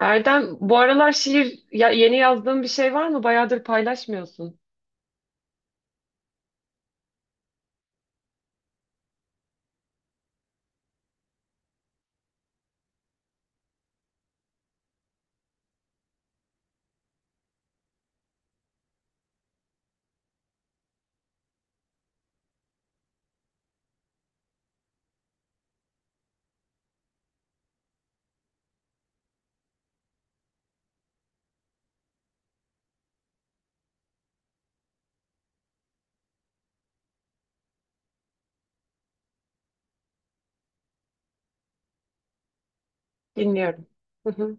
Erdem, bu aralar yeni yazdığın bir şey var mı? Bayağıdır paylaşmıyorsun. Dinliyorum. Hı hı.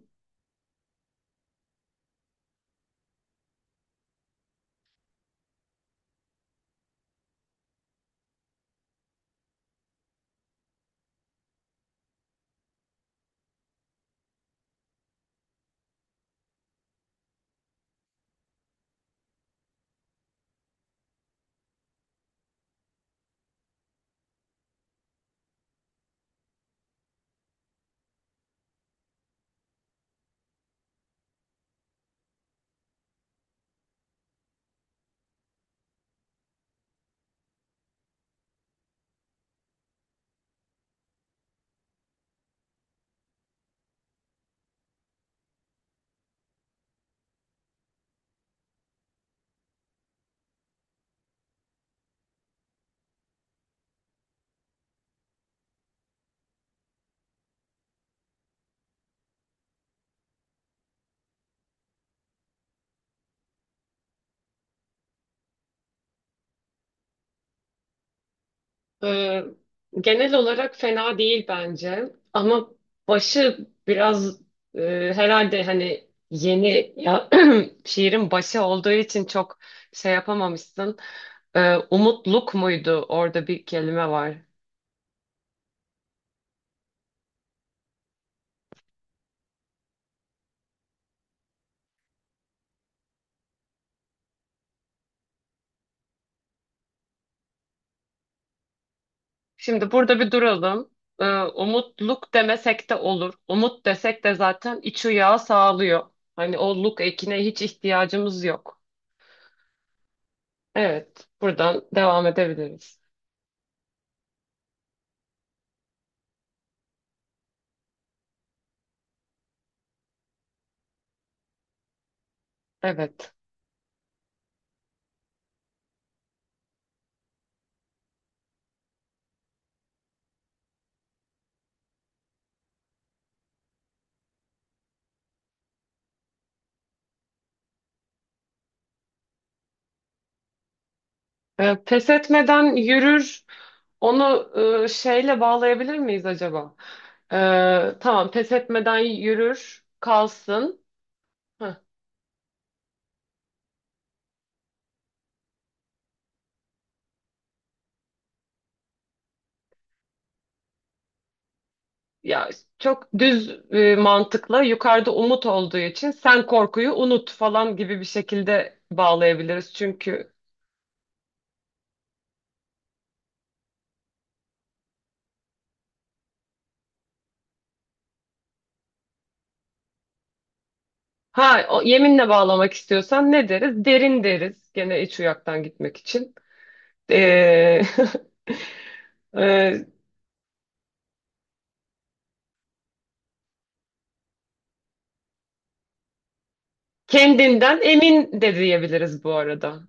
Ee, Genel olarak fena değil bence. Ama başı biraz herhalde hani yeni ya, şiirin başı olduğu için çok şey yapamamışsın. Umutluk muydu? Orada bir kelime var. Şimdi burada bir duralım. Umutluk demesek de olur. Umut desek de zaten iç uyağı sağlıyor. Hani o luk ekine hiç ihtiyacımız yok. Evet, buradan devam edebiliriz. Evet. Pes etmeden yürür. Onu şeyle bağlayabilir miyiz acaba? Tamam, pes etmeden yürür, kalsın. Heh. Ya çok düz mantıkla yukarıda umut olduğu için sen korkuyu unut falan gibi bir şekilde bağlayabiliriz. Çünkü ha o, yeminle bağlamak istiyorsan ne deriz? Derin deriz. Gene iç uyaktan gitmek için. Ee, e, Kendinden emin de diyebiliriz bu arada.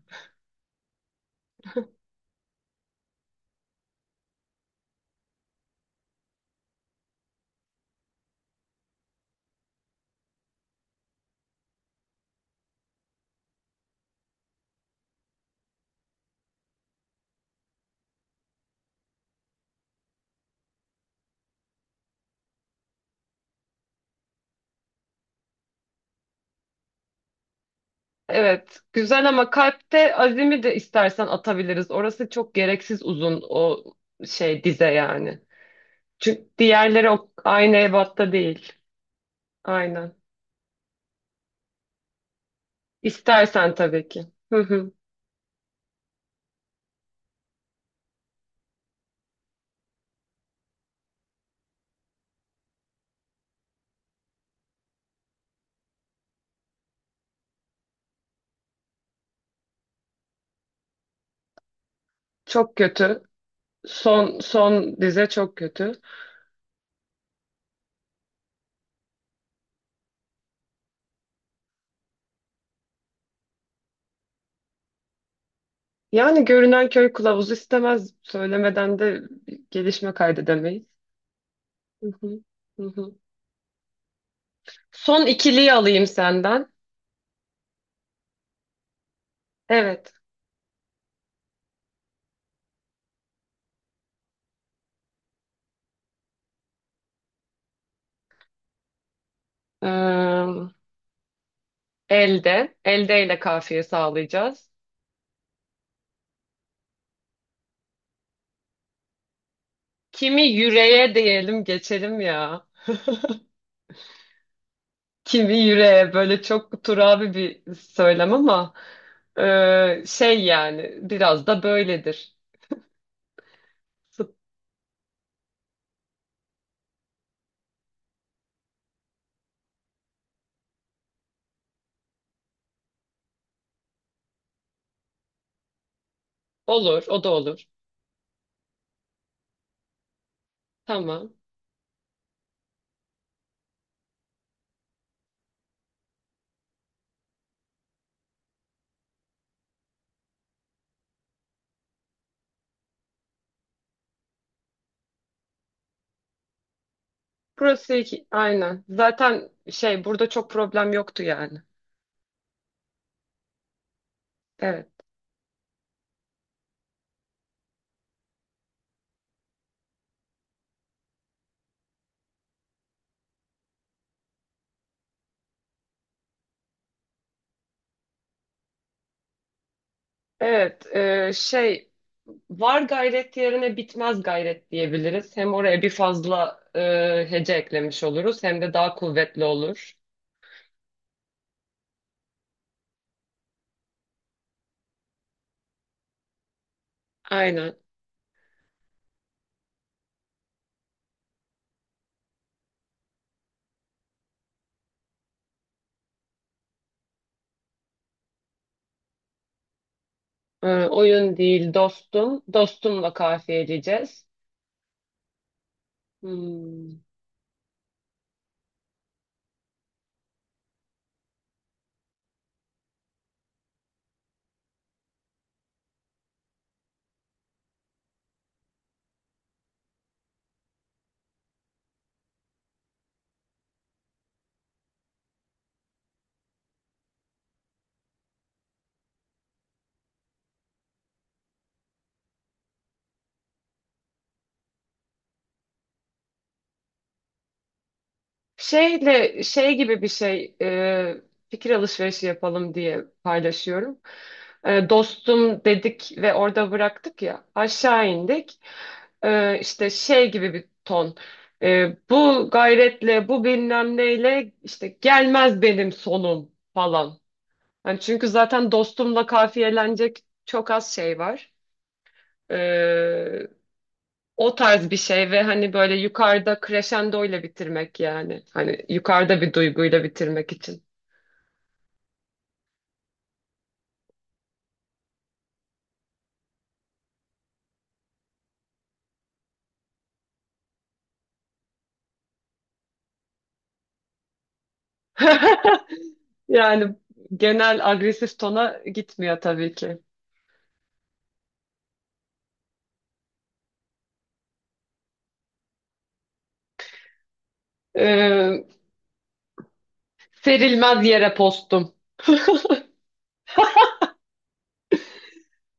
Evet, güzel ama kalpte azimi de istersen atabiliriz. Orası çok gereksiz uzun o şey dize yani. Çünkü diğerleri o aynı ebatta değil. Aynen. İstersen tabii ki. Çok kötü. Son dize çok kötü. Yani görünen köy kılavuzu istemez. Söylemeden de bir gelişme kaydedemeyiz. Hı hı, hı hı. Son ikiliyi alayım senden. Evet. Ee, Elde. Elde ile kafiye sağlayacağız. Kimi yüreğe diyelim geçelim ya. Kimi yüreğe böyle çok turabi bir söylem ama şey yani biraz da böyledir. Fut- Olur, o da olur. Tamam. Burası iki, aynen. Zaten şey burada çok problem yoktu yani. Evet. Evet, şey var gayret yerine bitmez gayret diyebiliriz. Hem oraya bir fazla hece eklemiş oluruz hem de daha kuvvetli olur. Aynen. E, oyun değil dostum. Dostumla kafiyeleyeceğiz. Hmm. Şeyle şey gibi bir şey fikir alışverişi yapalım diye paylaşıyorum. E, dostum dedik ve orada bıraktık ya aşağı indik. E, işte şey gibi bir ton. E, bu gayretle bu bilmem neyle işte gelmez benim sonum falan. Yani çünkü zaten dostumla kafiyelenecek çok az şey var. O tarz bir şey ve hani böyle yukarıda crescendo ile bitirmek yani. Hani yukarıda bir duyguyla bitirmek için. Yani genel agresif tona gitmiyor tabii ki. Ee, Serilmez yere postum.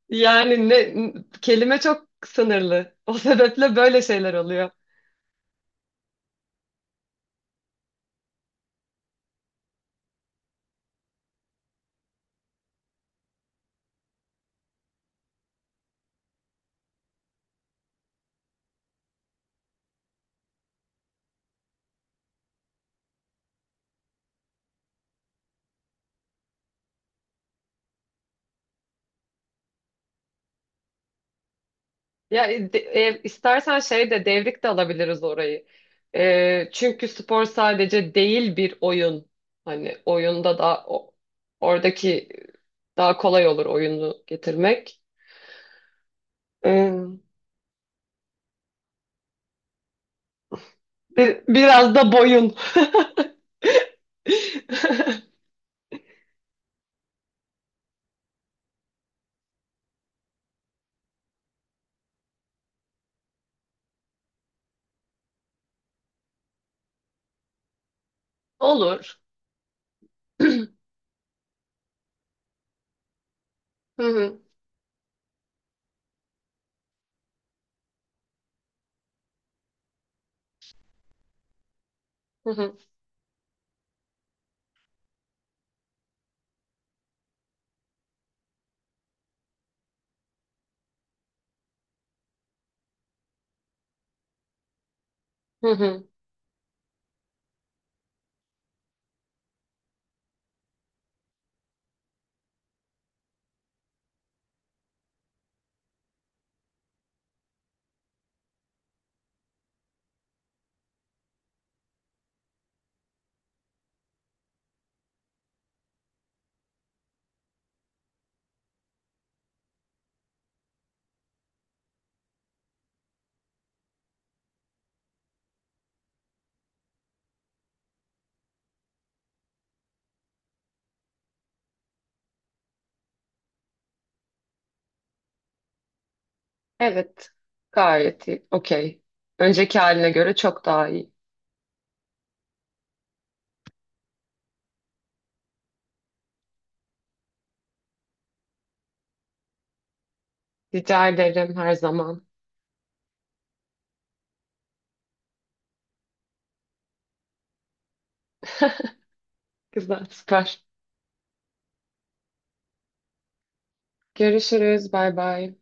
Yani ne kelime çok sınırlı. O sebeple böyle şeyler oluyor. İstersen şey de devrik de alabiliriz orayı. E, çünkü spor sadece değil bir oyun. Hani oyunda da oradaki daha kolay olur oyunu getirmek. E, biraz da boyun. Olur. Hı hı, hı hı, hı hı. Evet. Gayet iyi. Okey. Önceki haline göre çok daha iyi. Rica ederim her zaman. Güzel, süper. Görüşürüz. Bay bay.